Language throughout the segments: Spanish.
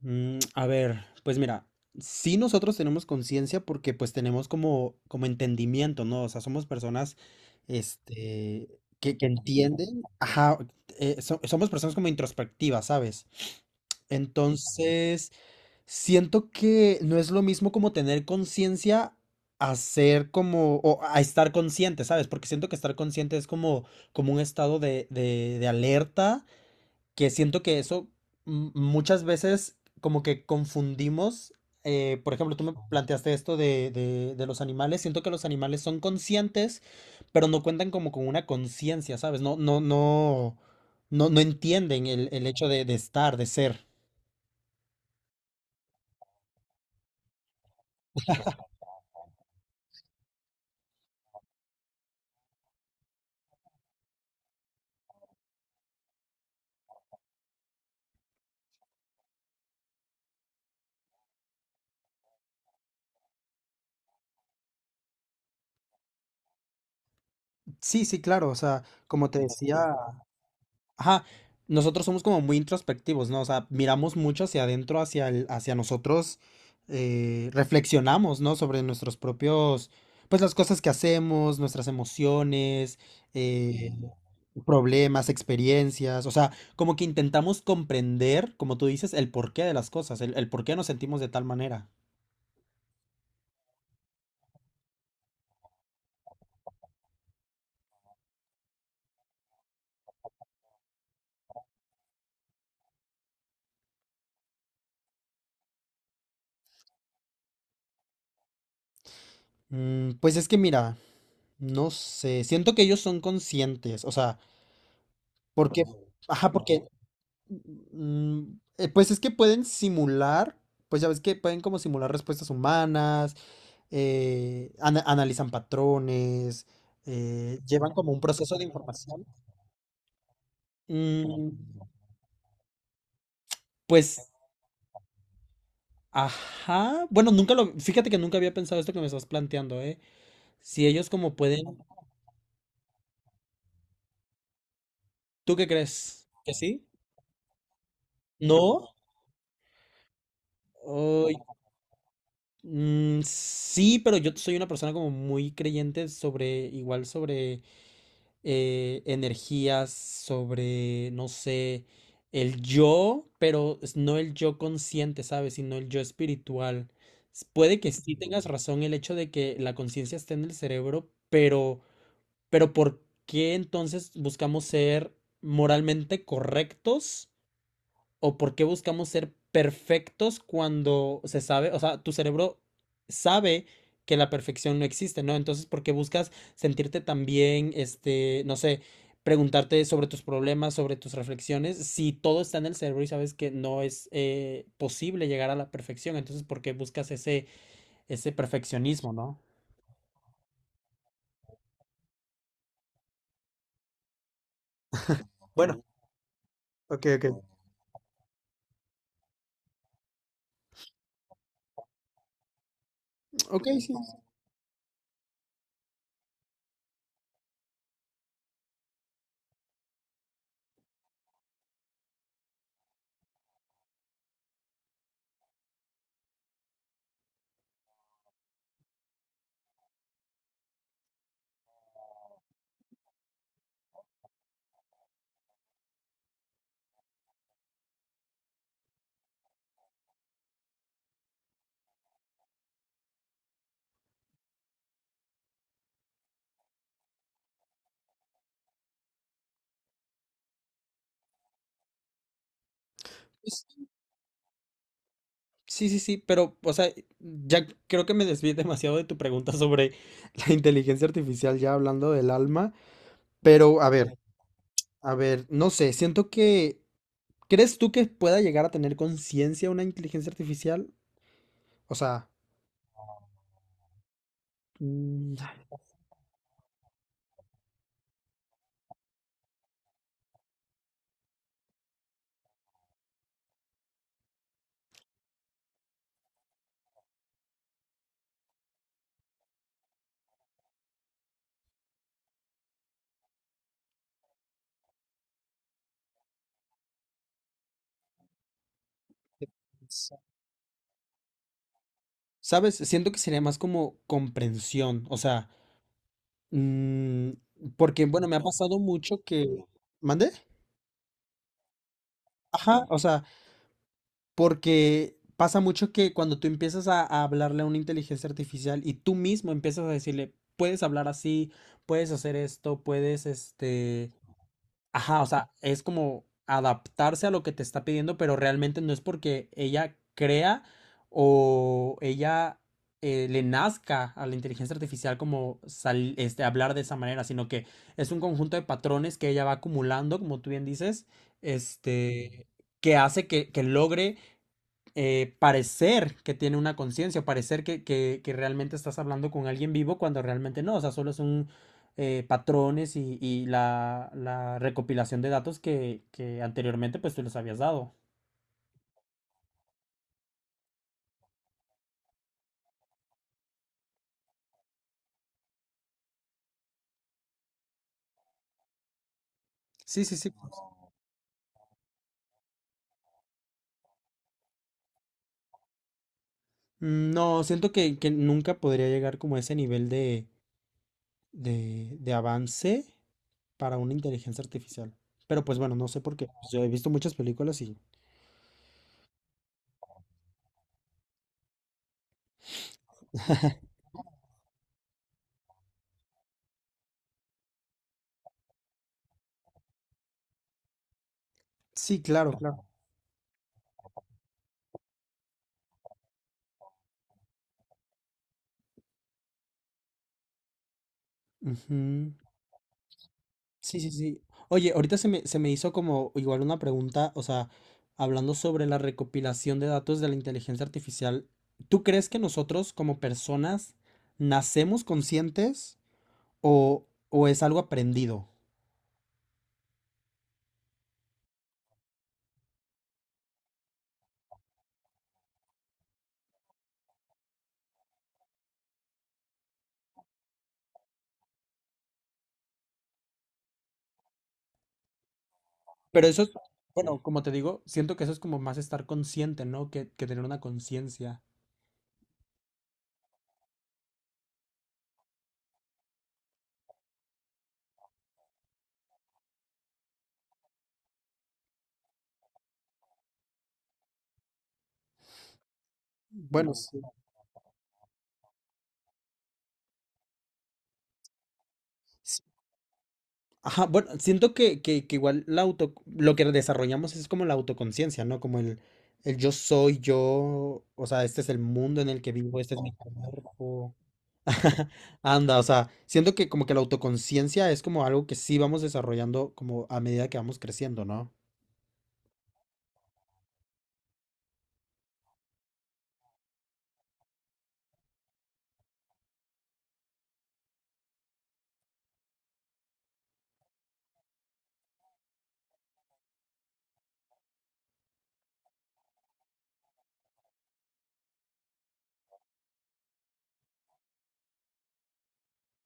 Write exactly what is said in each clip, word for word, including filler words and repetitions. Mm, a ver, pues mira, sí nosotros tenemos conciencia porque pues tenemos como, como entendimiento, ¿no? O sea, somos personas, este, que, que entienden, ajá, eh, so- somos personas como introspectivas, ¿sabes? Entonces, siento que no es lo mismo como tener conciencia a ser como, o a estar consciente, ¿sabes? Porque siento que estar consciente es como, como un estado de, de de alerta, que siento que eso mm, muchas veces como que confundimos. Eh, por ejemplo, tú me planteaste esto de, de, de los animales, siento que los animales son conscientes, pero no cuentan como con una conciencia, ¿sabes? No, no, no, no, no entienden el, el hecho de, de estar, de ser. Sí, sí, claro, o sea, como te decía, ajá, nosotros somos como muy introspectivos, ¿no? O sea, miramos mucho hacia adentro, hacia el- hacia nosotros, eh, reflexionamos, ¿no? Sobre nuestros propios, pues las cosas que hacemos, nuestras emociones, eh, problemas, experiencias, o sea, como que intentamos comprender, como tú dices, el porqué de las cosas, el, el por qué nos sentimos de tal manera. Mm, pues es que mira, no sé, siento que ellos son conscientes, o sea, porque, ajá, porque Mm, eh, pues es que pueden simular, pues ya ves que pueden como simular respuestas humanas. Eh, ana- analizan patrones, eh, llevan como un proceso de información. Mm, pues, ajá. Bueno, nunca lo, fíjate que nunca había pensado esto que me estás planteando, ¿eh? Si ellos como pueden, ¿tú qué crees? ¿Que sí? ¿No? Ay, mm, sí, pero yo soy una persona como muy creyente sobre, igual sobre eh, energías, sobre, no sé, el yo, pero es- no el yo consciente, ¿sabes? Sino el yo espiritual. S- Puede que sí tengas razón el hecho de que la conciencia esté en el cerebro, pero, pero, ¿por qué entonces buscamos ser moralmente correctos? ¿O por qué buscamos ser perfectos cuando se sabe, o sea, tu cerebro sabe que la perfección no existe, ¿no? Entonces, ¿por qué buscas sentirte tan bien, este, no sé, preguntarte sobre tus problemas, sobre tus reflexiones, si todo está en el cerebro y sabes que no es eh, posible llegar a la perfección? Entonces, ¿por qué buscas ese, ese perfeccionismo, no? Sí, sí, sí, pero, o sea, ya creo que me desvié demasiado de tu pregunta sobre la inteligencia artificial, ya hablando del alma, pero a ver, a ver, no sé, siento que, ¿crees tú que pueda llegar a tener conciencia una inteligencia artificial? O sea, mm, ¿sabes? Siento que sería más como comprensión, o sea, mm, porque, bueno, me ha pasado mucho que... ¿Mande? Ajá, o sea, porque pasa mucho que cuando tú empiezas a, a hablarle a una inteligencia artificial y tú mismo empiezas a decirle, puedes hablar así, puedes hacer esto, puedes, este, ajá, o sea, es como adaptarse a lo que te está pidiendo, pero realmente no es porque ella crea o ella eh, le nazca a la inteligencia artificial como sal- este, hablar de esa manera, sino que es un conjunto de patrones que ella va acumulando, como tú bien dices, este, que hace que que logre eh, parecer que tiene una conciencia, parecer que, que, que realmente estás hablando con alguien vivo cuando realmente no, o sea, solo son eh, patrones y, y la, la recopilación de datos que, que anteriormente pues tú les habías dado. Sí, sí, sí. No, siento que, que nunca podría llegar como a ese nivel de, de, de avance para una inteligencia artificial. Pero pues bueno, no sé por qué, pues yo he visto muchas películas y... Sí, claro, claro. Ujú. Sí, sí, sí. Oye, ahorita se me, se me hizo como igual una pregunta, o sea, hablando sobre la recopilación de datos de la inteligencia artificial, ¿tú crees que nosotros como personas nacemos conscientes o, o es algo aprendido? Pero eso es, bueno, como te digo, siento que eso es como más estar consciente, ¿no? Que, que tener una conciencia. Bueno, sí. Ajá, bueno, siento que, que, que igual la auto, lo que desarrollamos es como la autoconciencia, ¿no? Como el, el yo soy yo, o sea, este es el mundo en el que vivo, este es mi cuerpo. Anda, o sea, siento que como que la autoconciencia es como algo que sí vamos desarrollando como a medida que vamos creciendo, ¿no?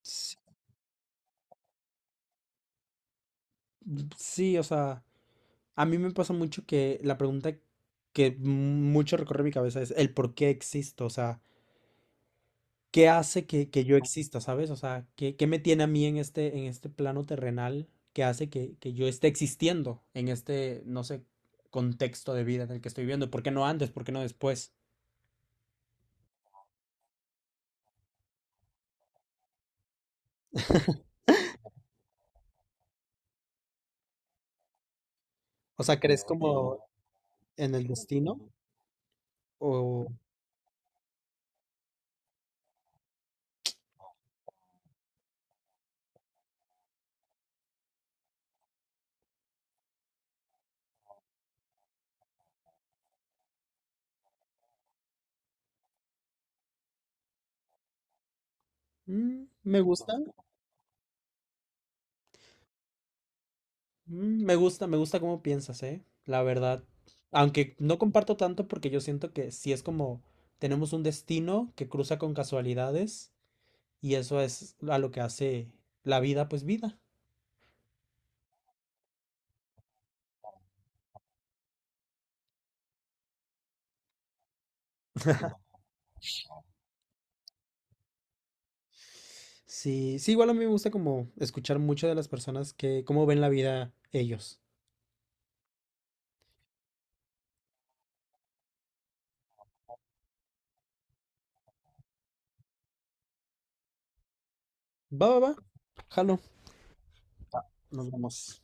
Sí, sí, o sea, a mí me pasa mucho que la pregunta que mucho recorre mi cabeza es el por qué existo, o sea, ¿qué hace que, que yo exista? ¿Sabes? O sea, ¿qué, qué me tiene a mí en este, en este plano terrenal que hace que, que yo esté existiendo en este, no sé, contexto de vida en el que estoy viviendo? ¿Por qué no antes? ¿Por qué no después? O sea, ¿crees como en el destino? O Mm, me gusta. Mm, Me gusta, me gusta cómo piensas, ¿eh? La verdad. Aunque no comparto tanto porque yo siento que sí es como tenemos un destino que cruza con casualidades y eso es a lo que hace la vida, pues vida. Sí, sí, igual a mí me gusta como escuchar mucho de las personas que cómo ven la vida ellos. Va, va, va. Jalo, nos vemos.